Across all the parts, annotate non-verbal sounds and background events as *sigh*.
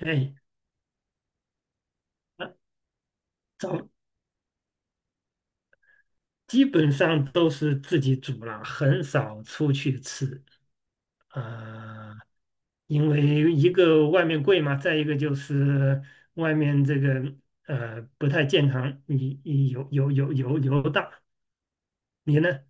哎，那早基本上都是自己煮了，很少出去吃。呃，因为一个外面贵嘛，再一个就是外面这个不太健康，你油大。你呢？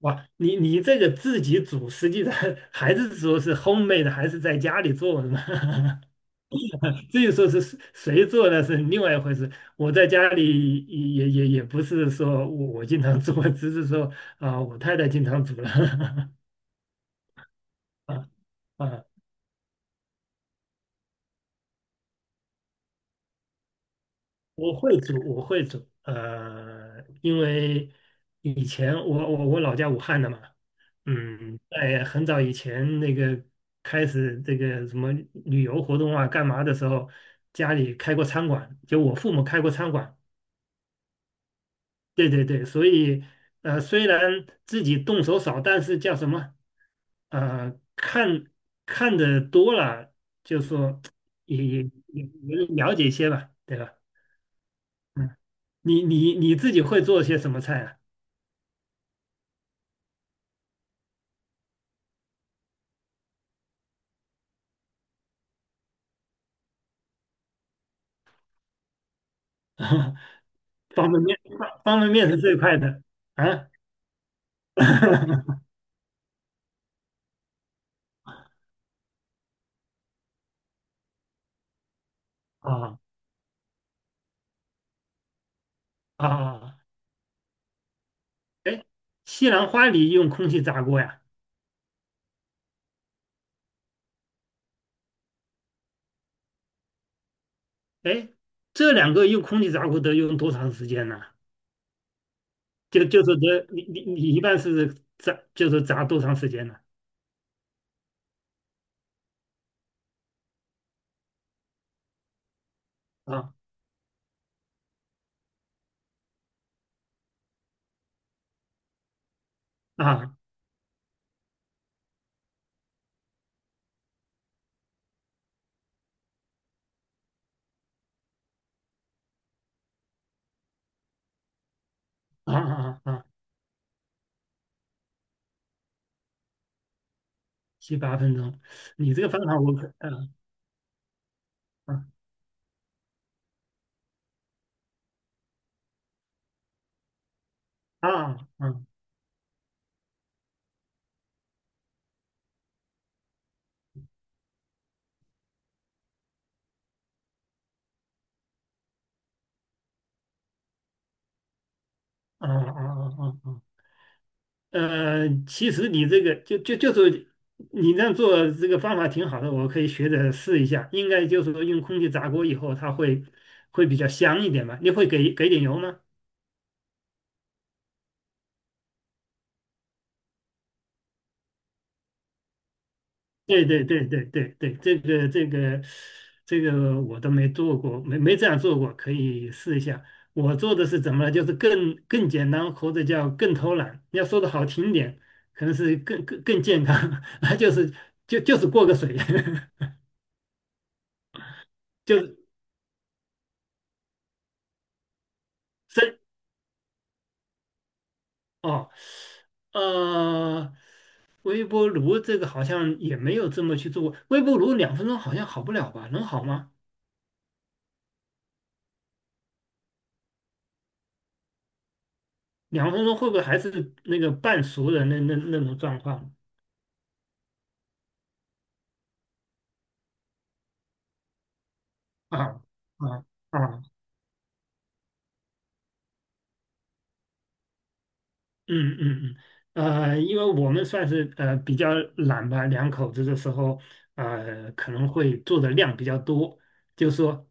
哇，你这个自己煮，实际上 *laughs* 还是说是 homemade 的还是在家里做的嘛？*laughs* 至于说是谁做那是另外一回事。我在家里也不是说我经常做，*laughs* 只是说啊、我太太经常煮了。*laughs* 啊啊，我会煮，我会煮。因为以前我老家武汉的嘛。嗯，在很早以前那个开始这个什么旅游活动啊干嘛的时候，家里开过餐馆，就我父母开过餐馆。对对对，所以虽然自己动手少，但是叫什么？呃，看看的多了，就说也也也了解一些吧，对吧？嗯，你自己会做些什么菜啊？*laughs* 方便面，方便面是最快的啊！*laughs* 啊啊！哎，西兰花里用空气炸锅呀？哎，这2个用空气炸锅得用多长时间呢？就是这，你一般是炸，就是炸多长时间呢？啊啊啊啊啊，7、8分钟。你这个方法我可，嗯嗯啊嗯啊啊啊啊啊。其实你这个就是你这样做这个方法挺好的，我可以学着试一下。应该就是说用空气炸锅以后，它会比较香一点吧？你会给点油吗？对对对对对对，这个我都没做过，没这样做过，可以试一下。我做的是怎么了？就是更简单，或者叫更偷懒。要说的好听点，可能是更健康，*laughs* 就是就是过个水，*laughs* 就是真哦。呃，微波炉这个好像也没有这么去做过。微波炉两分钟好像好不了吧？能好吗？两分钟会不会还是那个半熟的那种状况？啊啊啊，嗯嗯嗯。因为我们算是比较懒吧，两口子的时候，可能会做的量比较多，就是说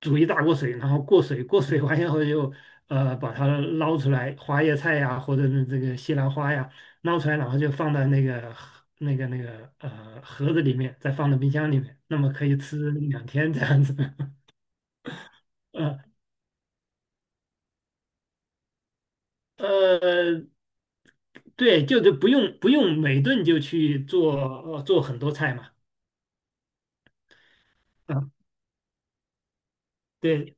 煮一大锅水，然后过水，过水完以后就把它捞出来，花椰菜呀，或者是这个西兰花呀，捞出来，然后就放到那个盒子里面，再放到冰箱里面，那么可以吃2天这样子。*laughs* 呃呃，对，就是不用每顿就去做做很多菜嘛。啊，对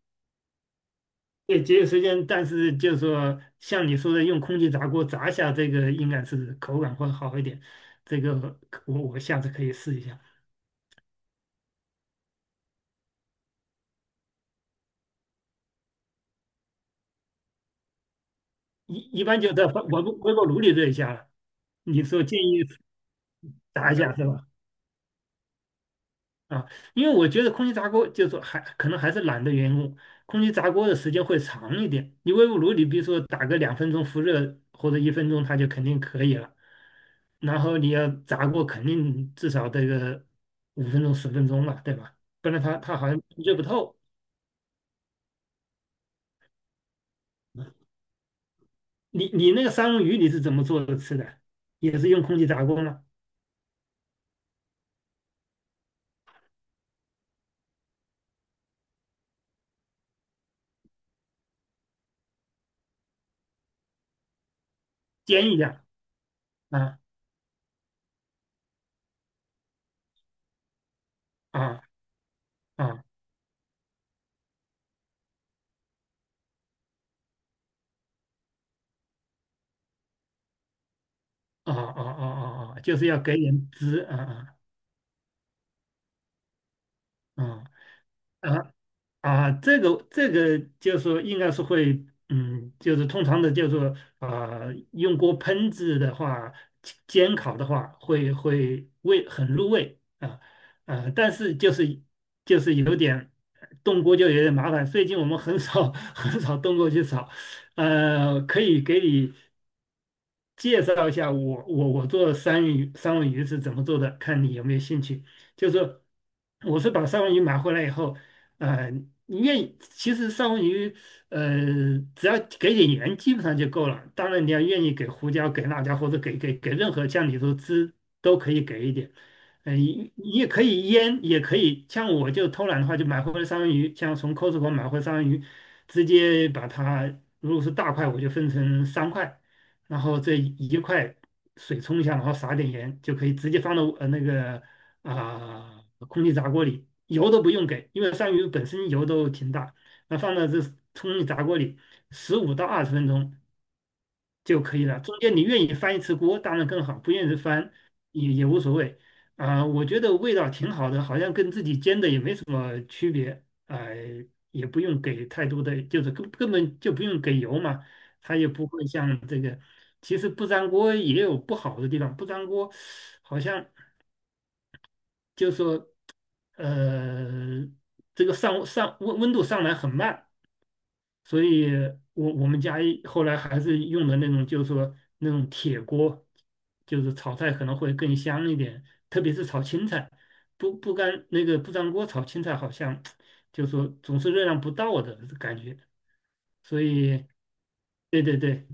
对，节约时间，但是就是说像你说的，用空气炸锅炸一下这个应该是口感会好一点，这个我下次可以试一下。一般就在微波炉里热一下了。你说建议炸一下是吧？啊，因为我觉得空气炸锅就是还可能还是懒的缘故，空气炸锅的时间会长一点。你微波炉你比如说打个两分钟复热或者1分钟，它就肯定可以了。然后你要炸过，肯定至少得个5分钟10分钟吧，对吧？不然它好像热不透。你那个三文鱼你是怎么做的吃的？也是用空气炸锅吗？煎一下。啊啊啊啊啊啊啊啊，就是要给点汁啊啊啊。啊啊。这个就是说应该是会，嗯，就是通常的，就是说啊、用锅烹制的话，煎烤的话，会很入味啊。啊、但是就是有点动锅就有点麻烦，最近我们很少 *laughs* 很少动锅去炒。可以给你介绍一下我做三文鱼是怎么做的，看你有没有兴趣。就是我是把三文鱼买回来以后，呃，你愿意，其实三文鱼，只要给点盐基本上就够了。当然你要愿意给胡椒、给辣椒或者给任何酱里头汁都可以给一点。嗯，你也可以腌，也可以像我就偷懒的话，就买回来三文鱼，像从 Costco 买回来三文鱼，直接把它。如果是大块，我就分成3块；然后这一块水冲一下，然后撒点盐，就可以直接放到那个啊、空气炸锅里，油都不用给，因为鳝鱼本身油都挺大，那放到这空气炸锅里15到20分钟，就可以了。中间你愿意翻1次锅，当然更好；不愿意翻也无所谓。啊、我觉得味道挺好的，好像跟自己煎的也没什么区别。哎、也不用给太多的，就是根本就不用给油嘛，它也不会像这个。其实不粘锅也有不好的地方，不粘锅好像就说呃，这个温度上来很慢。所以我们家一后来还是用的那种，就是说那种铁锅，就是炒菜可能会更香一点，特别是炒青菜，不不干那个不粘锅炒青菜好像，*tsk* 就是说总是热量不到的感觉，所以。对对对，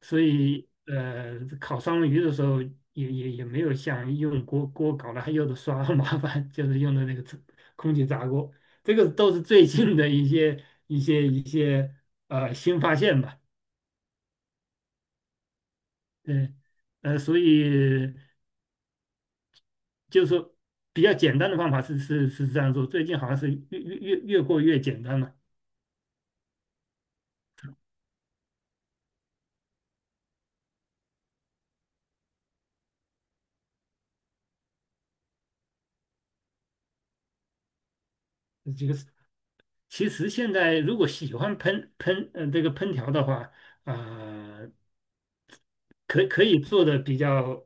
所以烤双鱼的时候也没有像用锅搞了，还有的刷很麻烦，就是用的那个空气炸锅。这个都是最近的一些新发现吧。对。所以就是说比较简单的方法是这样做，最近好像是越过越简单了。这个是其实现在如果喜欢烹烹呃这个烹调的话。啊、可以做的比较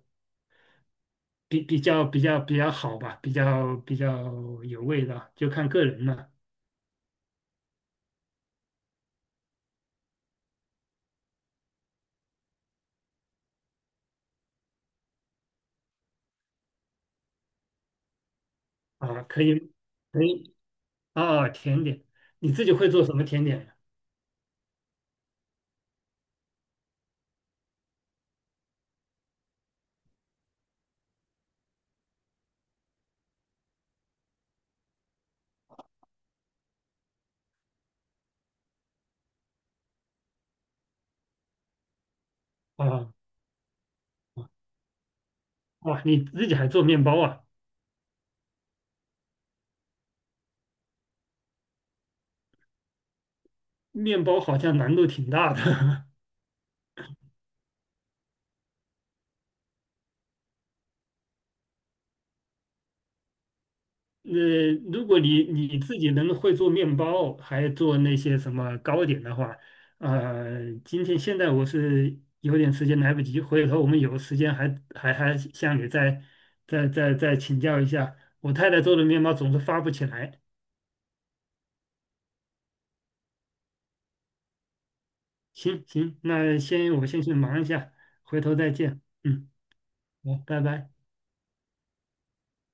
比比较比较比较好吧，比较有味道，就看个人了。啊，可以可以。啊，甜点，你自己会做什么甜点呀？啊，哇，你自己还做面包啊？面包好像难度挺大的。 *laughs* 呃，如果你自己能会做面包，还做那些什么糕点的话，今天现在我是有点时间来不及，回头我们有时间还向你再请教一下。我太太做的面包总是发不起来。行行，那我先去忙一下，回头再见。嗯，好，拜拜。